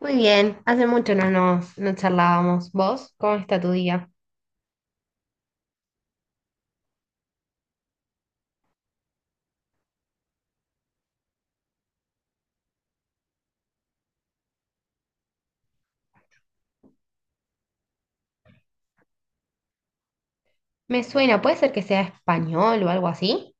Muy bien, hace mucho no charlábamos. ¿Vos? ¿Cómo está tu día? Me suena, puede ser que sea español o algo así.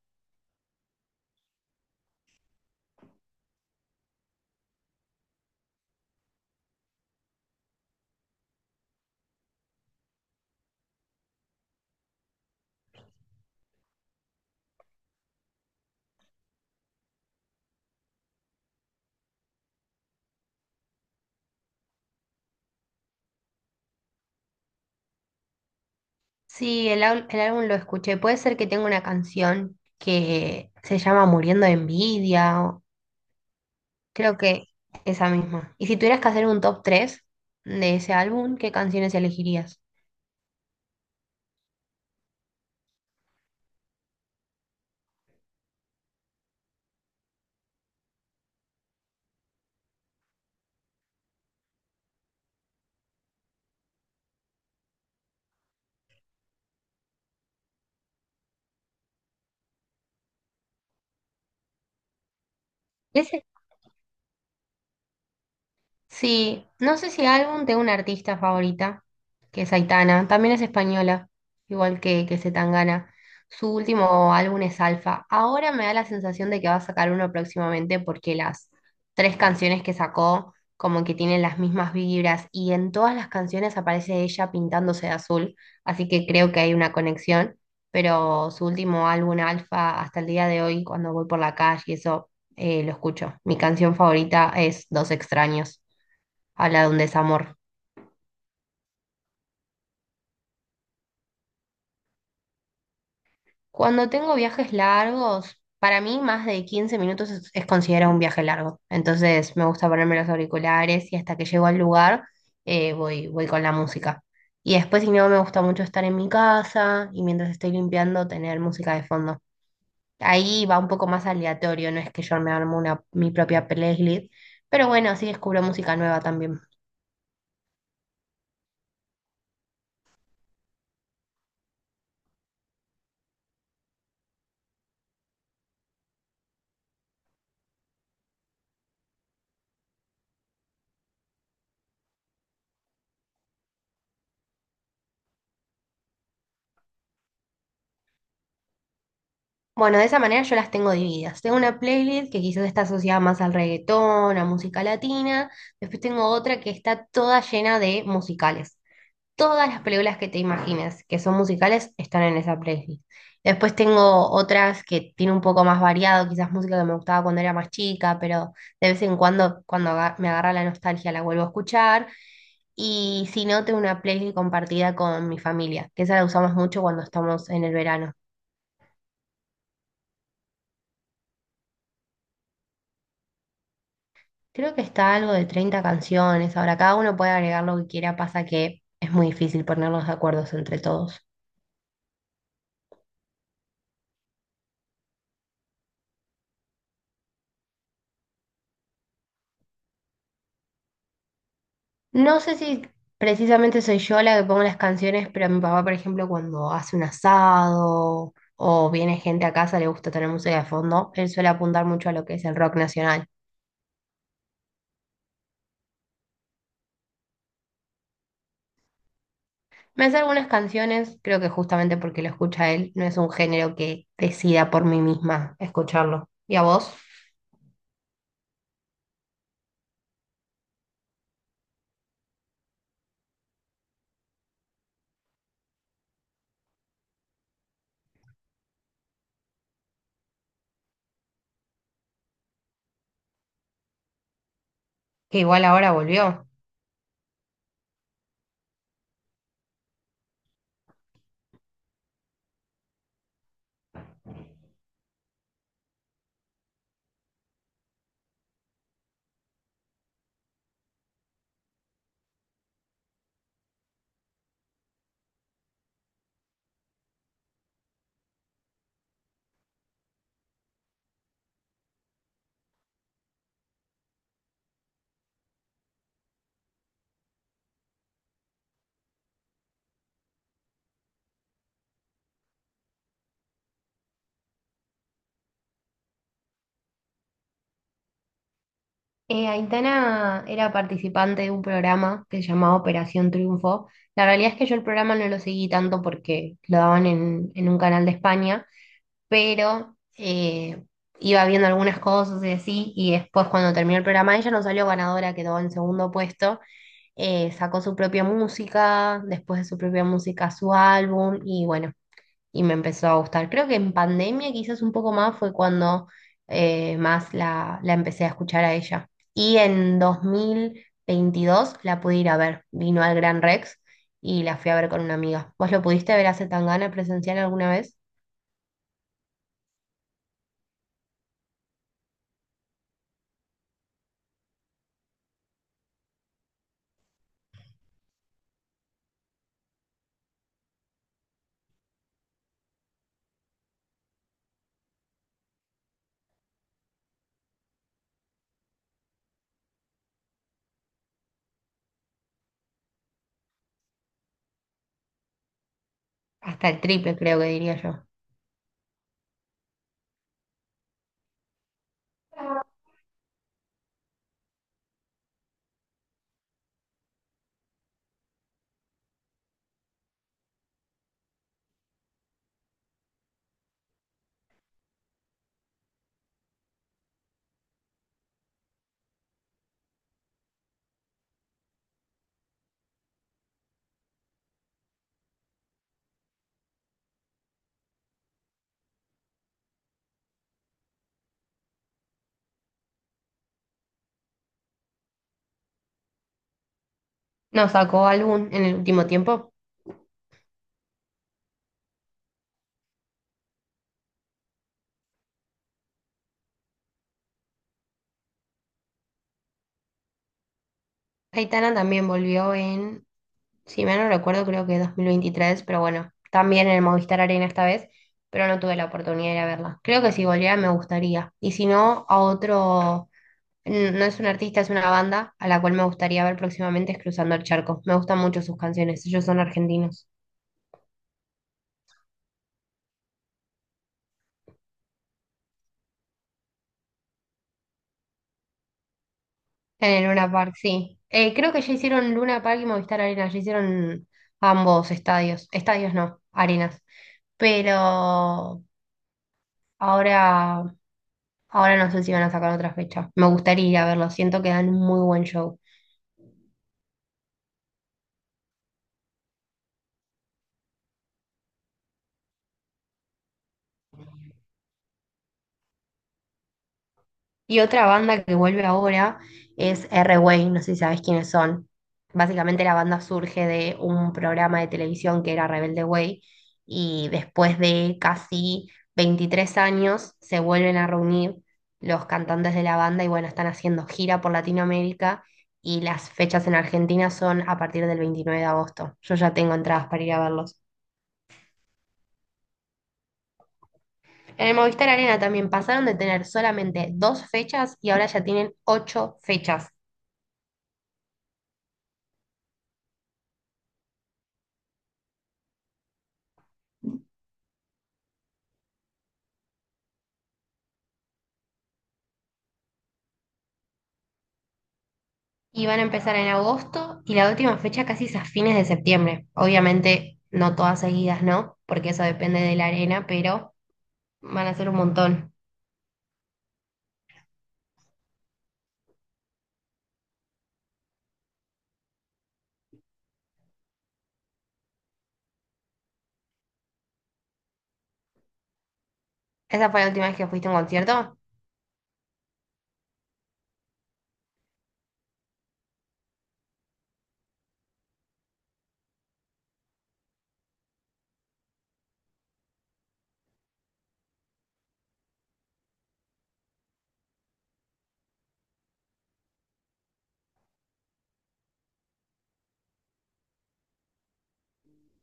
Sí, el álbum lo escuché. Puede ser que tenga una canción que se llama Muriendo de Envidia. Creo que esa misma. Y si tuvieras que hacer un top 3 de ese álbum, ¿qué canciones elegirías? Sí, no sé si álbum, tengo una artista favorita, que es Aitana, también es española, igual que Zetangana. Su último álbum es Alfa. Ahora me da la sensación de que va a sacar uno próximamente porque las tres canciones que sacó como que tienen las mismas vibras y en todas las canciones aparece ella pintándose de azul, así que creo que hay una conexión, pero su último álbum Alfa hasta el día de hoy, cuando voy por la calle y eso, lo escucho. Mi canción favorita es Dos extraños. Habla de un desamor. Cuando tengo viajes largos, para mí más de 15 minutos es considerado un viaje largo. Entonces me gusta ponerme los auriculares y hasta que llego al lugar, voy con la música. Y después, si no, me gusta mucho estar en mi casa y mientras estoy limpiando tener música de fondo. Ahí va un poco más aleatorio, no es que yo me armo mi propia playlist, pero bueno, así descubro música nueva también. Bueno, de esa manera yo las tengo divididas. Tengo una playlist que quizás está asociada más al reggaetón, a música latina. Después tengo otra que está toda llena de musicales. Todas las películas que te imagines que son musicales están en esa playlist. Después tengo otras que tiene un poco más variado, quizás música que me gustaba cuando era más chica, pero de vez en cuando, cuando me agarra la nostalgia, la vuelvo a escuchar. Y si no, tengo una playlist compartida con mi familia, que esa la usamos mucho cuando estamos en el verano. Creo que está algo de 30 canciones. Ahora, cada uno puede agregar lo que quiera, pasa que es muy difícil ponernos de acuerdos entre todos. No sé si precisamente soy yo la que pongo las canciones, pero a mi papá, por ejemplo, cuando hace un asado o viene gente a casa, le gusta tener música de fondo, él suele apuntar mucho a lo que es el rock nacional. Me hace algunas canciones, creo que justamente porque lo escucha él, no es un género que decida por mí misma escucharlo. ¿Y a vos? Que igual ahora volvió. Aitana era participante de un programa que se llamaba Operación Triunfo. La realidad es que yo el programa no lo seguí tanto porque lo daban en un canal de España, pero iba viendo algunas cosas y así, y después cuando terminó el programa ella no salió ganadora, quedó en segundo puesto. Sacó su propia música, después de su propia música su álbum, y bueno, y me empezó a gustar. Creo que en pandemia quizás un poco más fue cuando la empecé a escuchar a ella. Y en 2022 la pude ir a ver, vino al Gran Rex y la fui a ver con una amiga. ¿Vos lo pudiste ver a Zetangana presencial alguna vez? Hasta el triple creo que diría yo. No, sacó álbum en el último tiempo. Aitana también volvió en, si mal no recuerdo, creo que 2023, pero bueno, también en el Movistar Arena esta vez, pero no tuve la oportunidad de ir a verla. Creo que si volviera me gustaría. Y si no, a otro, no es un artista, es una banda a la cual me gustaría ver próximamente es Cruzando el Charco. Me gustan mucho sus canciones, ellos son argentinos. En el Luna Park, sí. Creo que ya hicieron Luna Park y Movistar Arena, ya hicieron ambos estadios. Estadios no, arenas. Pero Ahora, ahora no sé si van a sacar otra fecha. Me gustaría ir a verlo, siento que dan un muy buen show. Y otra banda que vuelve ahora es R-Way, no sé si sabes quiénes son. Básicamente la banda surge de un programa de televisión que era Rebelde Way y después de casi 23 años se vuelven a reunir los cantantes de la banda y bueno, están haciendo gira por Latinoamérica y las fechas en Argentina son a partir del 29 de agosto. Yo ya tengo entradas para ir a verlos. En el Movistar Arena también pasaron de tener solamente dos fechas y ahora ya tienen ocho fechas. Y van a empezar en agosto y la última fecha casi es a fines de septiembre. Obviamente no todas seguidas, ¿no? Porque eso depende de la arena, pero van a ser un montón. ¿Esa fue la última vez que fuiste a un concierto?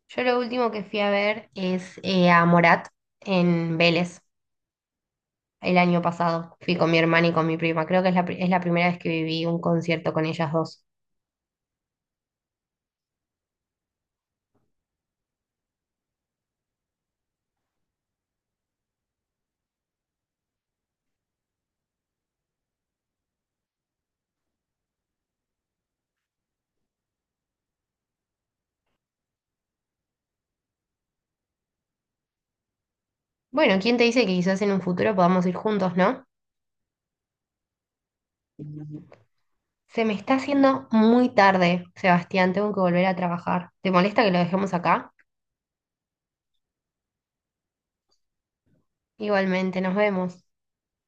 Yo lo último que fui a ver es a Morat en Vélez el año pasado. Fui con mi hermana y con mi prima. Creo que es es la primera vez que viví un concierto con ellas dos. Bueno, ¿quién te dice que quizás en un futuro podamos ir juntos, ¿no? Se me está haciendo muy tarde, Sebastián, tengo que volver a trabajar. ¿Te molesta que lo dejemos acá? Igualmente, nos vemos.